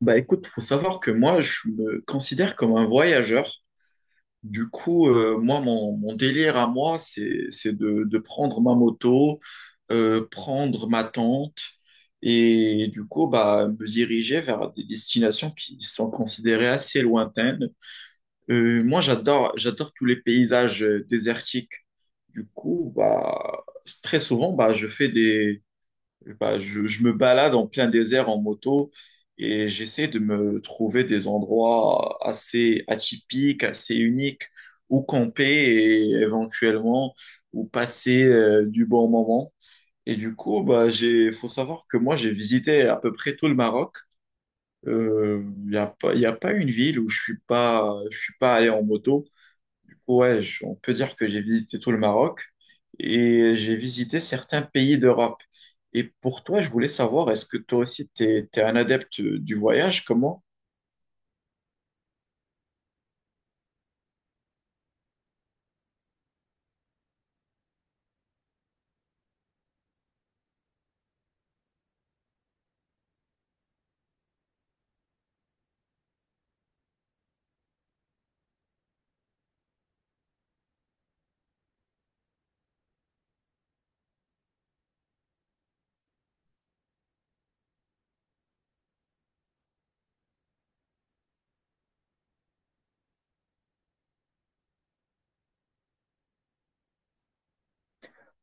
Bah écoute, faut savoir que moi, je me considère comme un voyageur. Du coup, moi, mon délire à moi, c'est de prendre ma moto, prendre ma tente et du coup, bah, me diriger vers des destinations qui sont considérées assez lointaines. Moi, j'adore tous les paysages désertiques. Du coup, bah, très souvent, bah, je fais des bah, je me balade en plein désert en moto et j'essaie de me trouver des endroits assez atypiques, assez uniques où camper et éventuellement où passer du bon moment. Et du coup, bah, faut savoir que moi, j'ai visité à peu près tout le Maroc. Il n'y a pas, y a pas une ville où je suis pas allé en moto. Ouais, on peut dire que j'ai visité tout le Maroc et j'ai visité certains pays d'Europe. Et pour toi, je voulais savoir, est-ce que toi aussi, tu es, un adepte du voyage? Comment?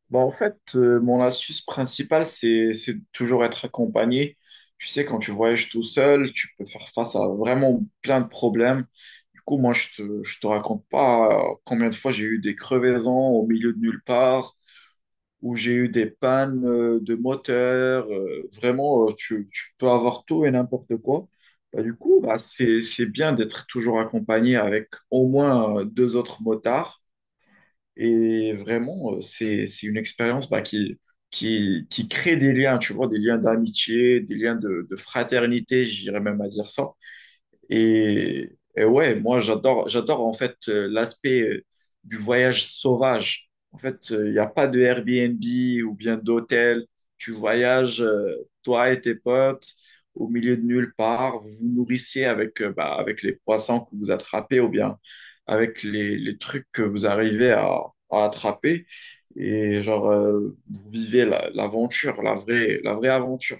Bah, en fait, mon astuce principale, c'est toujours être accompagné. Tu sais, quand tu voyages tout seul, tu peux faire face à vraiment plein de problèmes. Du coup, moi, je te raconte pas combien de fois j'ai eu des crevaisons au milieu de nulle part. Où j'ai eu des pannes de moteur. Vraiment, tu peux avoir tout et n'importe quoi. Bah, du coup, bah, c'est bien d'être toujours accompagné avec au moins deux autres motards. Et vraiment, c'est une expérience qui crée des liens, tu vois, des liens d'amitié, des liens de fraternité, j'irais même à dire ça. Et ouais, moi j'adore en fait l'aspect du voyage sauvage. En fait, il n'y a pas de Airbnb ou bien d'hôtel. Tu voyages, toi et tes potes, au milieu de nulle part. Vous vous nourrissez avec, bah, avec les poissons que vous attrapez ou bien avec les trucs que vous arrivez à attraper. Et genre, vous vivez l'aventure, la vraie aventure.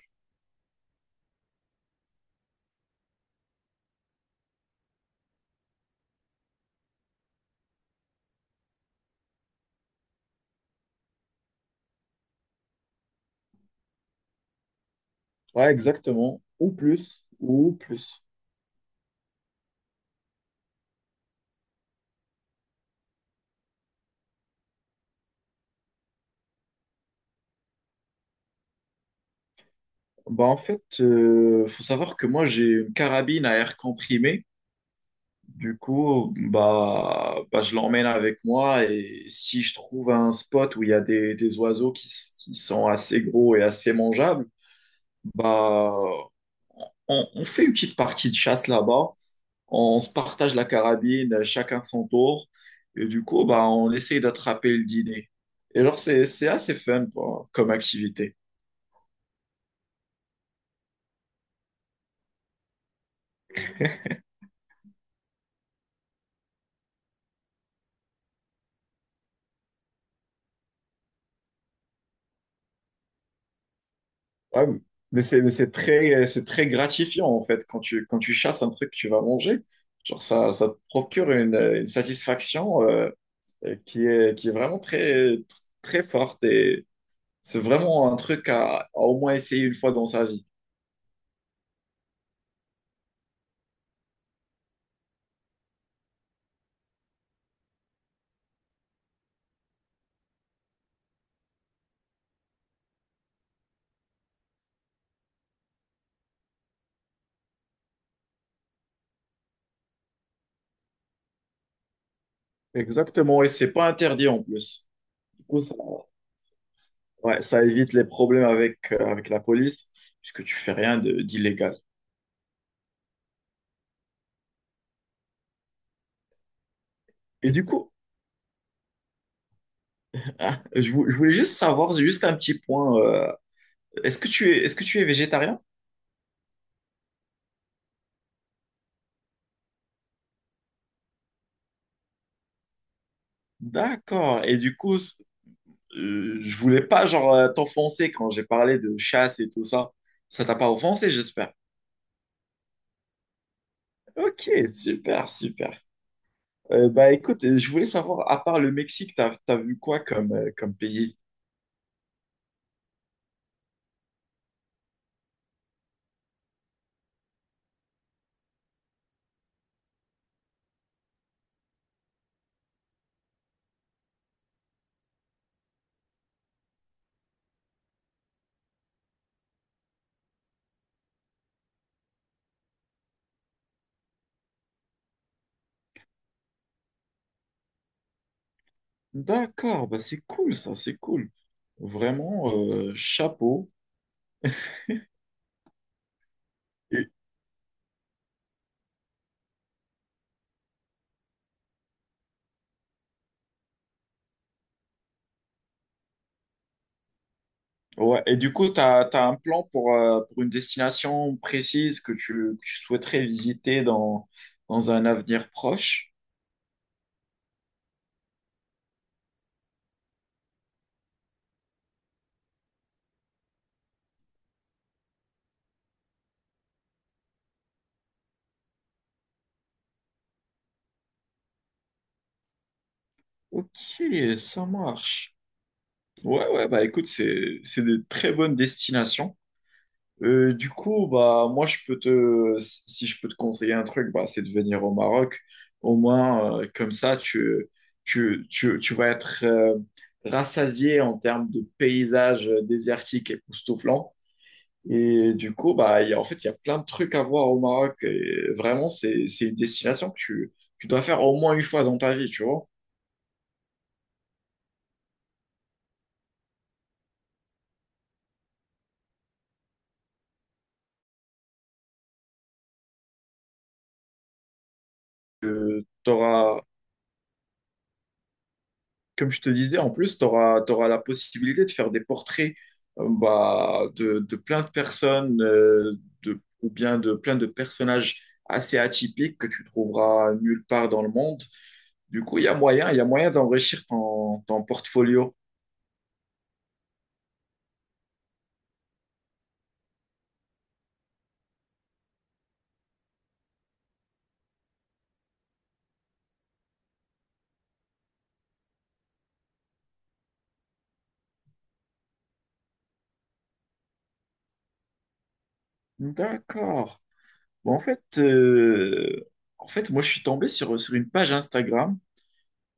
Ouais, exactement. Ou plus, ou plus. Bah en fait, faut savoir que moi j'ai une carabine à air comprimé. Du coup, bah je l'emmène avec moi et si je trouve un spot où il y a des oiseaux qui, qui sont assez gros et assez mangeables, bah on fait une petite partie de chasse là-bas. On se partage la carabine, chacun son tour. Et du coup, bah on essaye d'attraper le dîner. Et alors c'est assez fun quoi, comme activité. Ouais, mais mais c'est très gratifiant en fait quand tu chasses un truc que tu vas manger. Genre ça, ça te procure une satisfaction qui est vraiment très, très forte et c'est vraiment un truc à au moins essayer une fois dans sa vie. Exactement, et c'est pas interdit en plus. Du coup, ça, ouais, ça évite les problèmes avec, avec la police puisque tu fais rien d'illégal. Et du coup, je voulais juste savoir, juste un petit point, est-ce que tu es végétarien? D'accord. Et du coup, je voulais pas genre t'offenser quand j'ai parlé de chasse et tout ça. Ça t'a pas offensé, j'espère. Ok, super, super. Bah écoute, je voulais savoir, à part le Mexique, t'as vu quoi comme, comme pays? D'accord, bah c'est cool ça, c'est cool. Vraiment, chapeau. Et, ouais, et du coup, t'as un plan pour une destination précise que tu souhaiterais visiter dans, dans un avenir proche? Ok, ça marche. Ouais, ouais, bah écoute, c'est de très bonnes destinations. Du coup, bah moi je peux te si je peux te conseiller un truc, bah c'est de venir au Maroc. Au moins comme ça tu tu vas être rassasié en termes de paysages désertiques époustouflants. Et du coup, en fait, il y a plein de trucs à voir au Maroc. Et vraiment, c'est une destination que tu dois faire au moins une fois dans ta vie, tu vois. Tu comme je te disais, en plus, tu auras, la possibilité de faire des portraits bah, de plein de personnes de, ou bien de plein de personnages assez atypiques que tu trouveras nulle part dans le monde. Du coup, il y a moyen, il y a moyen d'enrichir ton, ton portfolio. D'accord. Bon, en fait, moi, je suis tombé sur, sur une page Instagram.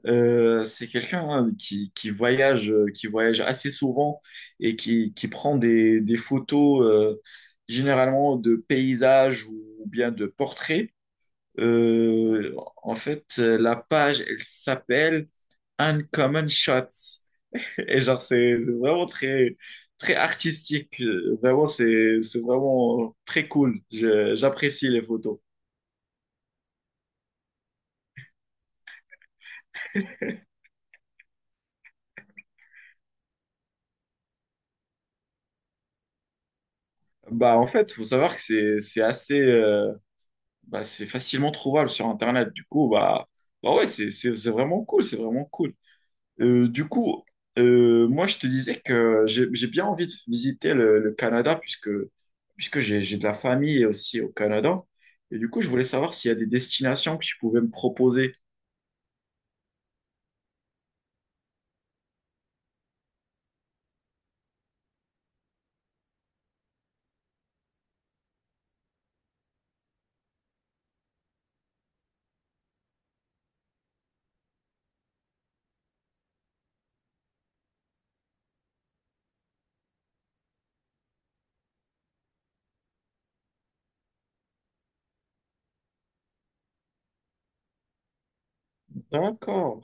C'est quelqu'un hein, qui voyage assez souvent et qui prend des photos généralement de paysages ou bien de portraits. Euh, en fait, la page, elle s'appelle Uncommon Shots. Et genre, c'est vraiment très, très artistique. Vraiment, c'est vraiment très cool. J'apprécie les photos. Bah, en fait, faut savoir que c'est assez. Bah, c'est facilement trouvable sur Internet. Du coup, bah, bah ouais, c'est vraiment cool, c'est vraiment cool. Du coup, moi, je te disais que j'ai bien envie de visiter le Canada puisque, puisque j'ai de la famille aussi au Canada. Et du coup, je voulais savoir s'il y a des destinations que tu pouvais me proposer. D'accord.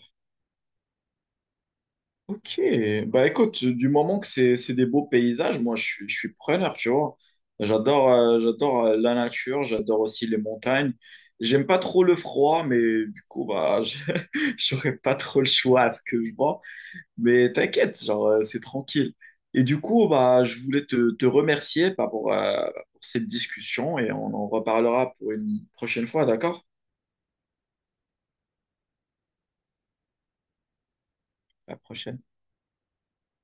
Ok, bah écoute, du moment que c'est des beaux paysages, moi je suis preneur, tu vois. J'adore j'adore la nature, j'adore aussi les montagnes. J'aime pas trop le froid, mais du coup, bah, j'aurais pas trop le choix à ce que je vois. Mais t'inquiète, genre, c'est tranquille. Et du coup, bah, je voulais te remercier bah, pour cette discussion et on en reparlera pour une prochaine fois, d'accord? À la prochaine.